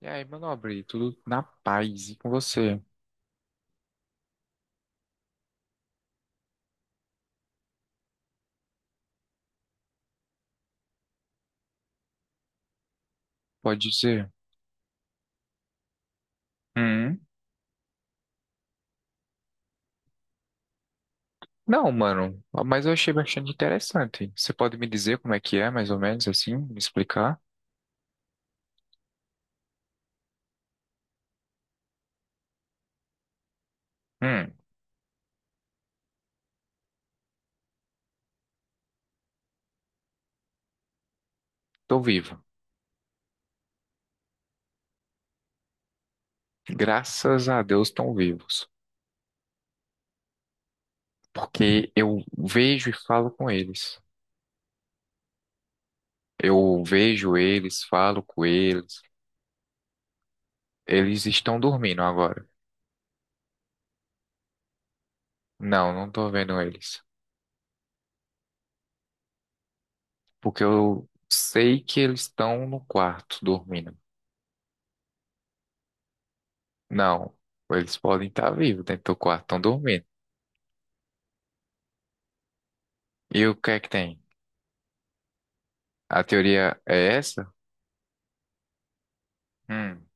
E aí, meu nobre, tudo na paz e com você? Pode dizer? Hum? Não, mano, mas eu achei bastante interessante. Você pode me dizer como é que é, mais ou menos assim? Me explicar? Hum, tô vivo. Graças a Deus estão vivos. Porque eu vejo e falo com eles. Eu vejo eles, falo com eles. Eles estão dormindo agora. Não, não tô vendo eles. Porque eu sei que eles estão no quarto dormindo. Não, eles podem estar vivos dentro do quarto, estão dormindo. E o que é que tem? A teoria é essa? Hum,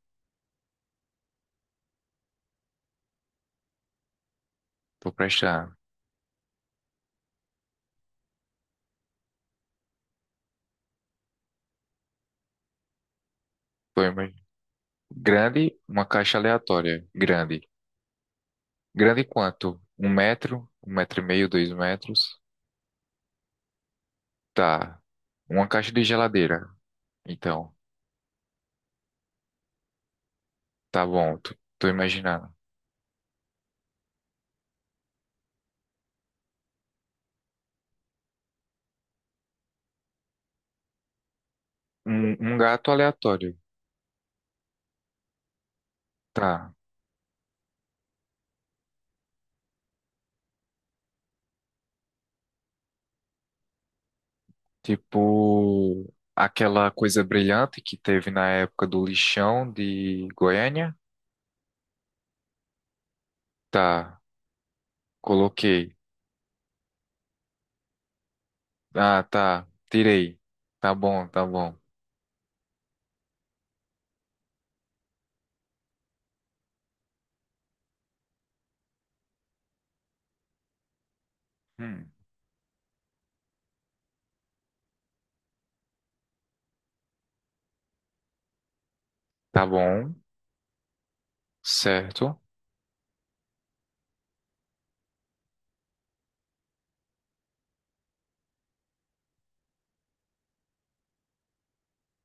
tô prestando. Tô ima- Grande, uma caixa aleatória. Grande. Grande quanto? Um metro e meio, dois metros. Tá. Uma caixa de geladeira. Então, tá bom, tô imaginando. Um gato aleatório. Tá. Tipo, aquela coisa brilhante que teve na época do lixão de Goiânia. Tá. Coloquei. Ah, tá. Tirei. Tá bom, tá bom. Hum. Tá bom. Certo.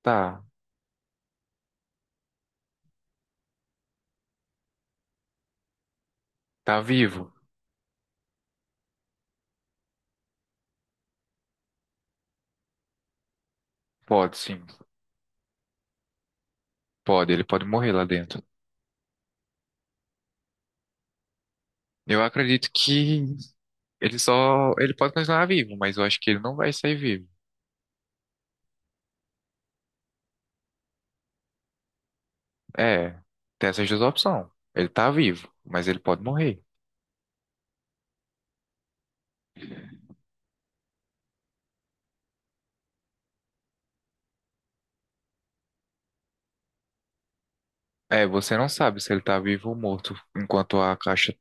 Tá. Tá vivo. Pode, sim. Pode, ele pode morrer lá dentro. Eu acredito que ele só. Ele pode continuar vivo, mas eu acho que ele não vai sair vivo. É, tem essas duas opções. Ele tá vivo, mas ele pode morrer. É, você não sabe se ele tá vivo ou morto enquanto a caixa.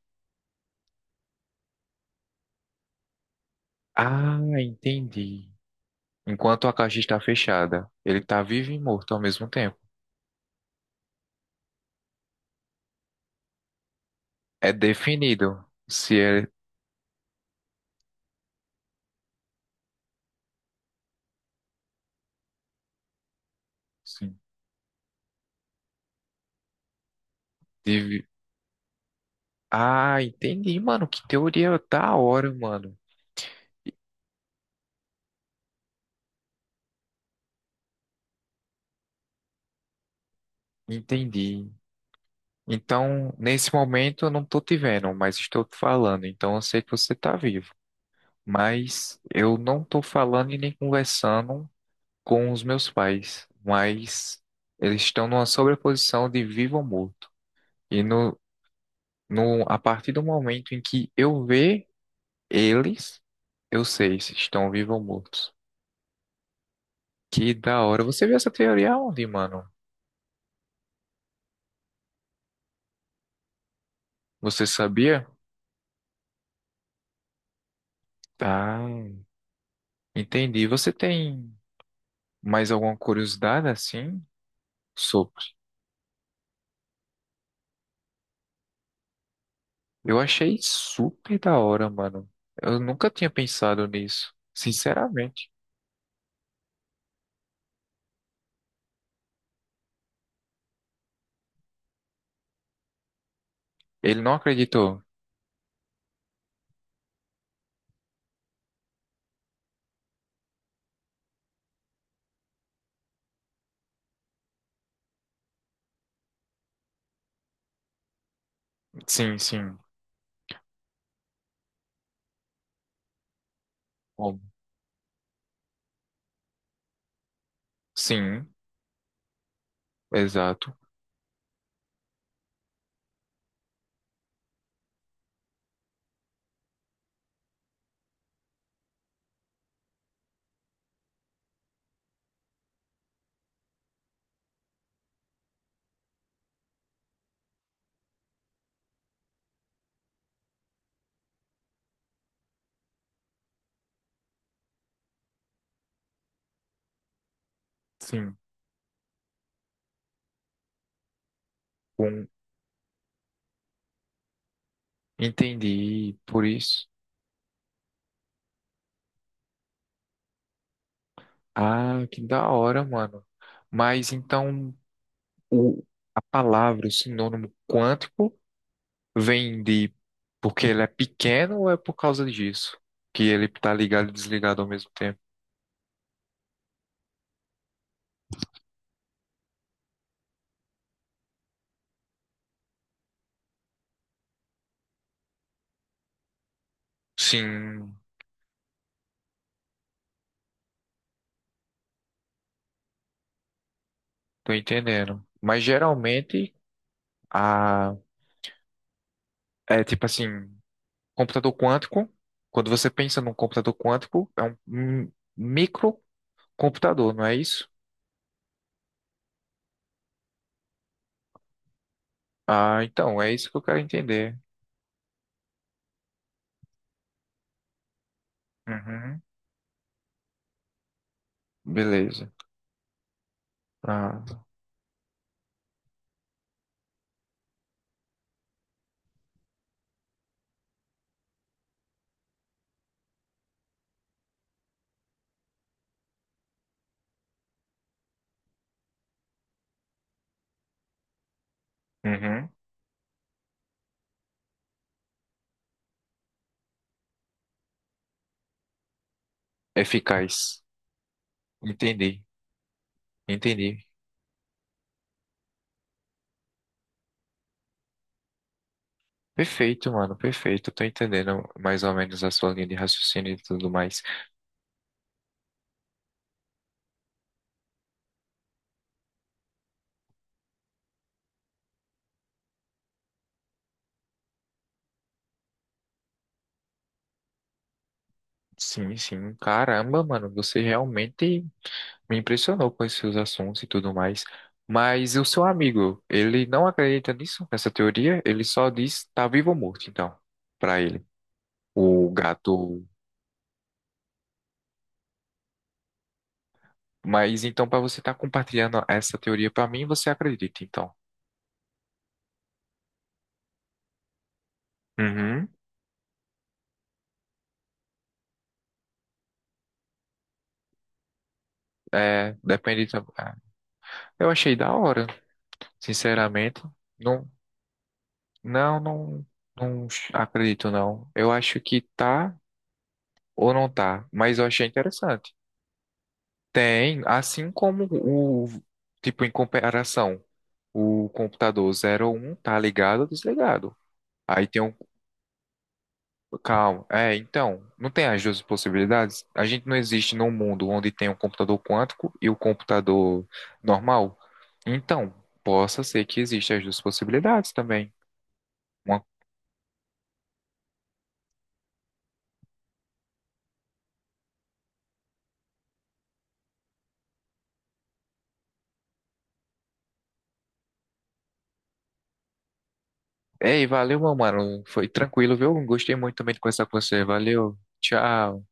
Ah, entendi. Enquanto a caixa está fechada, ele tá vivo e morto ao mesmo tempo. É definido. Se é. Se deve- Ah, entendi, mano. Que teoria da hora, mano. Entendi. Então, nesse momento eu não tô te vendo, mas estou te falando. Então eu sei que você tá vivo. Mas eu não tô falando e nem conversando com os meus pais. Mas eles estão numa sobreposição de vivo ou morto. E no, no, a partir do momento em que eu ver eles, eu sei se estão vivos ou mortos. Que da hora. Você viu essa teoria onde, mano? Você sabia? Ah, entendi. Você tem mais alguma curiosidade assim sobre? Eu achei super da hora, mano. Eu nunca tinha pensado nisso, sinceramente. Ele não acreditou. Sim, sim. Como? Sim, exato. Sim. Um, entendi. Por isso. Ah, que da hora, mano. Mas então o, a palavra, o sinônimo quântico vem de porque ele é pequeno ou é por causa disso? Que ele tá ligado e desligado ao mesmo tempo? Sim, tô entendendo. Mas geralmente a é tipo assim, computador quântico, quando você pensa num computador quântico, é um um microcomputador, não é isso? Ah, então, é isso que eu quero entender. Uhum, beleza. Ah, uhum, eficaz. Entendi, entendi. Perfeito, mano, perfeito. Tô entendendo mais ou menos a sua linha de raciocínio e tudo mais. Sim, sim. Caramba, mano, você realmente me impressionou com esses seus assuntos e tudo mais. Mas o seu amigo, ele não acredita nisso, nessa teoria? Ele só diz tá vivo ou morto, então, pra ele, o gato. Mas então, pra você estar compartilhando essa teoria pra mim, você acredita, então? Uhum. É, depende. Eu achei da hora, sinceramente. não Não, não, não acredito não. Eu acho que tá ou não tá, mas eu achei interessante. Tem, assim como tipo, em comparação, o computador zero um tá ligado ou desligado. Aí tem um, calma, é, então, não tem as duas possibilidades? A gente não existe num mundo onde tem um computador quântico e o computador normal. Então, possa ser que existam as duas possibilidades também. Ei, valeu, meu mano. Foi tranquilo, viu? Gostei muito também de conversar com você. Valeu. Tchau.